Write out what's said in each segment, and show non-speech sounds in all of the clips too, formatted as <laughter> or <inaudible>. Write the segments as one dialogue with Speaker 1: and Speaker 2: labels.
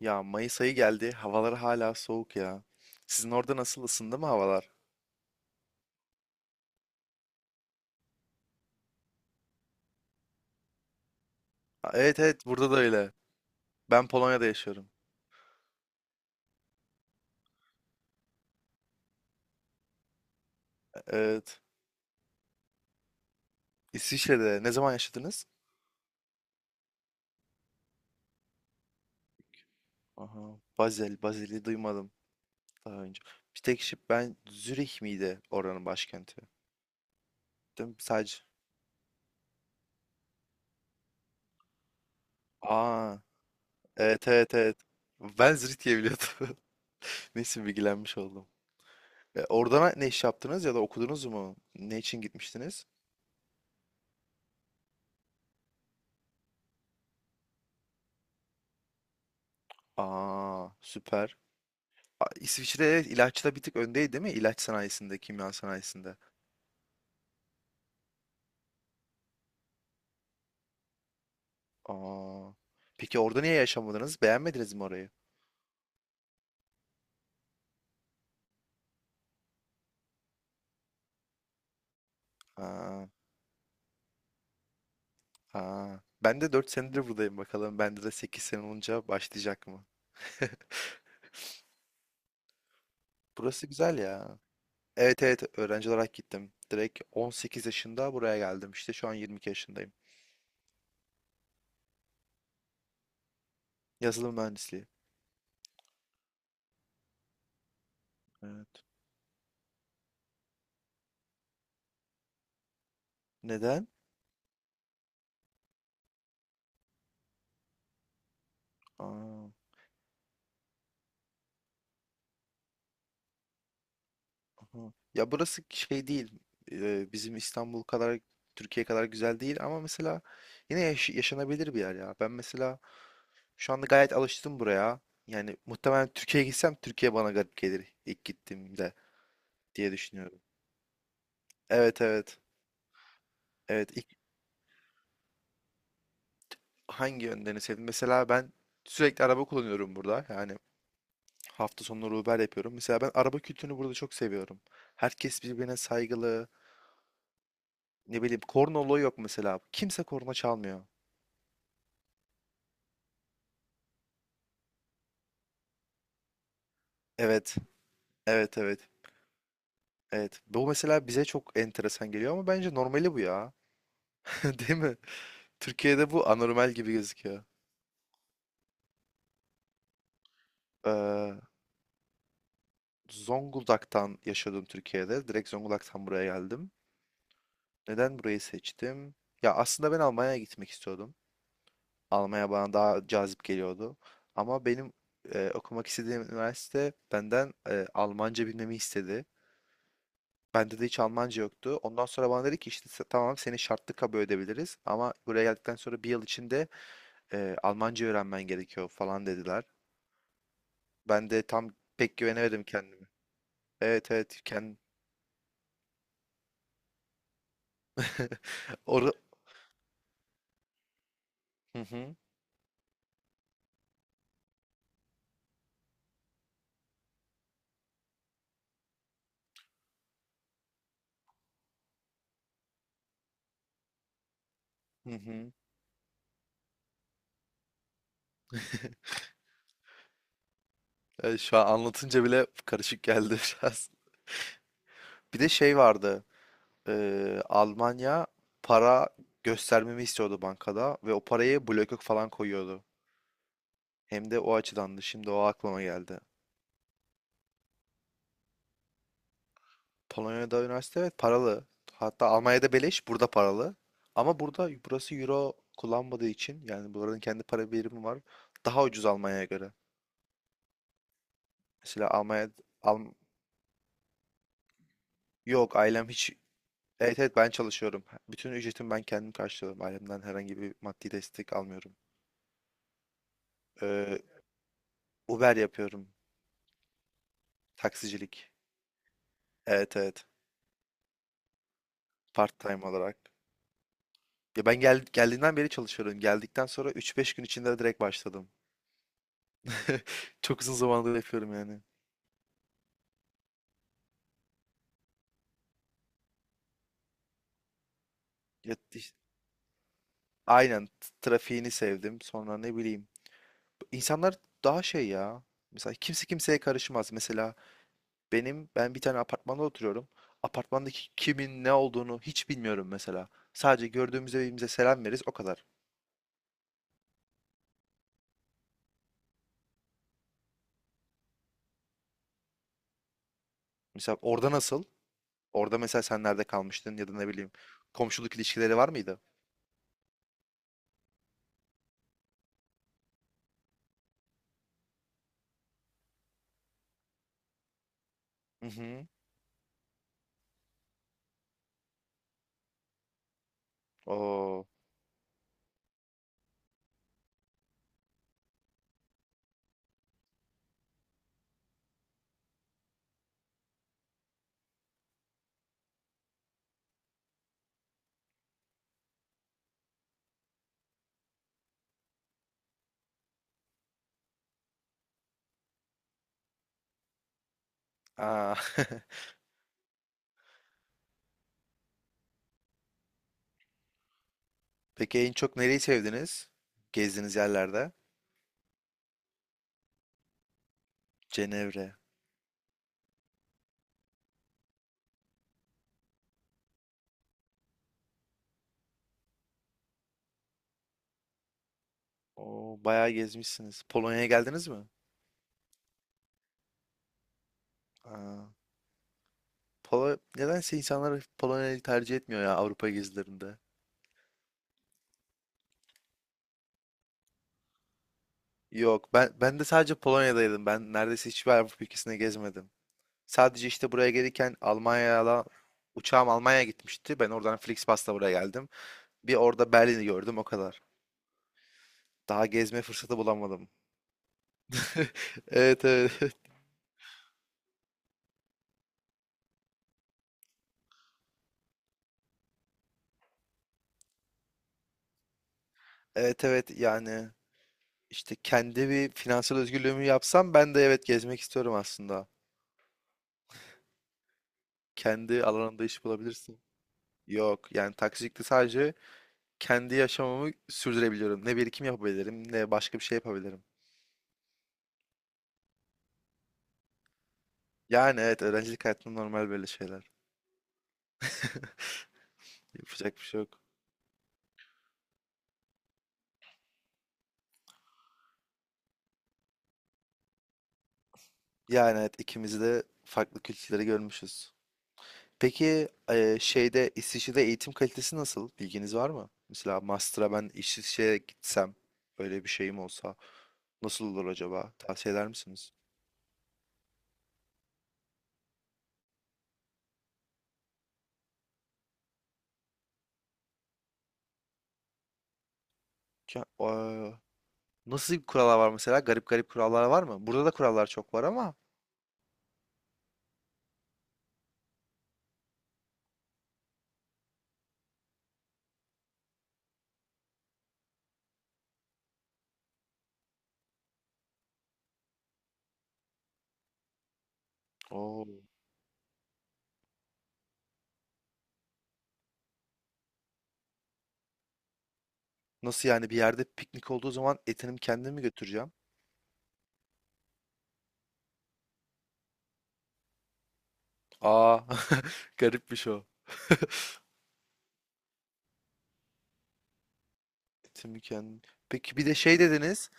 Speaker 1: Ya Mayıs ayı geldi. Havalar hala soğuk ya. Sizin orada nasıl ısındı mı havalar? Ha, evet evet burada da öyle. Ben Polonya'da yaşıyorum. Evet. İsviçre'de. Ne zaman yaşadınız? Aha. Basel. Basel'i duymadım daha önce. Bir tek şey, ben Zürih miydi oranın başkenti? Değil mi? Sadece. Aa. Evet evet evet. Ben Zürih diye biliyordum. <laughs> Neyse, bilgilenmiş oldum. Orada ne iş yaptınız ya da okudunuz mu? Ne için gitmiştiniz? Aa, süper. İsviçre evet, ilaçta bir tık öndeydi değil mi? İlaç sanayisinde, kimya sanayisinde. Aa. Peki orada niye yaşamadınız? Beğenmediniz mi orayı? Aa, aa. Ben de 4 senedir buradayım bakalım. Bende de 8 sene olunca başlayacak mı? Burası güzel ya. Evet evet, öğrenci olarak gittim. Direkt 18 yaşında buraya geldim. İşte şu an 22 yaşındayım. Yazılım mühendisliği. Evet. Neden? Aa. Aha. Ya, burası şey değil. Bizim İstanbul kadar, Türkiye kadar güzel değil ama mesela yine yaşanabilir bir yer ya. Ben mesela şu anda gayet alıştım buraya. Yani muhtemelen Türkiye'ye gitsem Türkiye bana garip gelir ilk gittiğimde diye düşünüyorum. Evet evet. Evet, ilk hangi yönlerini sevdim? Mesela ben sürekli araba kullanıyorum burada. Yani hafta sonları Uber yapıyorum. Mesela ben araba kültürünü burada çok seviyorum. Herkes birbirine saygılı. Ne bileyim, korna olayı yok mesela. Kimse korna çalmıyor. Evet. Evet evet. Evet. Bu mesela bize çok enteresan geliyor ama bence normali bu ya. <laughs> Değil mi? Türkiye'de bu anormal gibi gözüküyor. Ee, Zonguldak'tan yaşadım Türkiye'de. Direkt Zonguldak'tan buraya geldim. Neden burayı seçtim? Ya aslında ben Almanya'ya gitmek istiyordum. Almanya bana daha cazip geliyordu. Ama benim okumak istediğim üniversite benden Almanca bilmemi istedi. Bende de hiç Almanca yoktu. Ondan sonra bana dedi ki işte tamam, seni şartlı kabul edebiliriz. Ama buraya geldikten sonra bir yıl içinde Almanca öğrenmen gerekiyor falan dediler. Ben de tam pek güvenemedim kendime. Evet evet kendim. <laughs> Oru... Hı hı. Hı hı. <laughs> Evet, şu an anlatınca bile karışık geldi <laughs> biraz. Bir de şey vardı. Almanya para göstermemi istiyordu bankada ve o parayı bloke falan koyuyordu. Hem de o açıdandı. Şimdi o aklıma geldi. Polonya'da üniversite, evet, paralı. Hatta Almanya'da beleş, burada paralı. Ama burada, burası euro kullanmadığı için yani buranın kendi para birimi var. Daha ucuz Almanya'ya göre. Mesela Almanya, Alm- yok, ailem hiç, evet evet ben çalışıyorum. Bütün ücretimi ben kendim karşılıyorum. Ailemden herhangi bir maddi destek almıyorum. Ee, Uber yapıyorum. Taksicilik. Evet evet. Part time olarak. Ya ben geldiğinden beri çalışıyorum. Geldikten sonra üç beş gün içinde direkt başladım. <laughs> Çok uzun zamandır yapıyorum yani. Ya, işte aynen trafiğini sevdim. Sonra ne bileyim. İnsanlar daha şey ya. Mesela kimse kimseye karışmaz. Mesela ben bir tane apartmanda oturuyorum. Apartmandaki kimin ne olduğunu hiç bilmiyorum mesela. Sadece gördüğümüzde birbirimize selam veririz, o kadar. Mesela orada nasıl? Orada mesela sen nerede kalmıştın ya da ne bileyim, komşuluk ilişkileri var mıydı? Hı hı. Oo. Aa. <laughs> Peki en çok nereyi sevdiniz? Gezdiğiniz yerlerde? Cenevre. Oo, bayağı gezmişsiniz. Polonya'ya geldiniz mi? Aa. Nedense insanlar Polonya'yı tercih etmiyor ya Avrupa gezilerinde. Yok, ben de sadece Polonya'daydım. Ben neredeyse hiçbir Avrupa ülkesine gezmedim. Sadece işte buraya gelirken Almanya'da, uçağım Almanya'ya gitmişti. Ben oradan Flixbus'la buraya geldim. Bir orada Berlin'i gördüm, o kadar. Daha gezme fırsatı bulamadım. <laughs> Evet evet. <laughs> Evet evet, yani işte kendi bir finansal özgürlüğümü yapsam ben de evet, gezmek istiyorum aslında. Kendi alanında iş bulabilirsin. Yok yani taksicilikte sadece kendi yaşamımı sürdürebiliyorum. Ne birikim yapabilirim, ne başka bir şey yapabilirim. Yani evet, öğrencilik hayatında normal böyle şeyler. Yapacak bir şey yok. Yani evet, ikimiz de farklı kültürleri görmüşüz. Peki şeyde, İsviçre'de eğitim kalitesi nasıl? Bilginiz var mı? Mesela master'a ben İsviçre'ye gitsem, öyle bir şeyim olsa, nasıl olur acaba? Tavsiye eder misiniz? Ya, nasıl kurallar var mesela? Garip garip kurallar var mı? Burada da kurallar çok var ama. Oo. Nasıl yani, bir yerde piknik olduğu zaman etimi kendim mi götüreceğim? Aa, <laughs> garipmiş o. Etimi kendim. Peki bir de şey dediniz.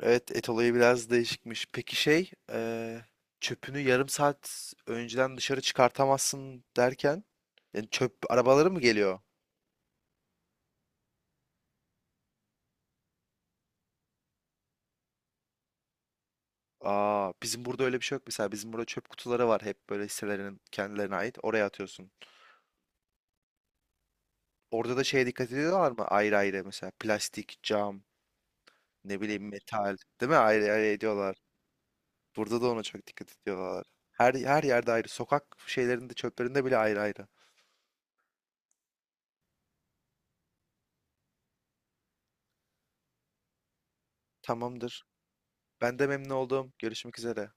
Speaker 1: Evet, et olayı biraz değişikmiş. Peki şey, çöpünü yarım saat önceden dışarı çıkartamazsın derken, yani çöp arabaları mı geliyor? Aa, bizim burada öyle bir şey yok mesela. Bizim burada çöp kutuları var hep, böyle hisselerinin kendilerine ait. Oraya atıyorsun. Orada da şeye dikkat ediyorlar mı? Ayrı ayrı mesela plastik, cam, ne bileyim metal, değil mi? Ayrı ayrı ediyorlar. Burada da ona çok dikkat ediyorlar. Her yerde ayrı. Sokak şeylerinde, çöplerinde bile ayrı ayrı. Tamamdır. Ben de memnun oldum. Görüşmek üzere.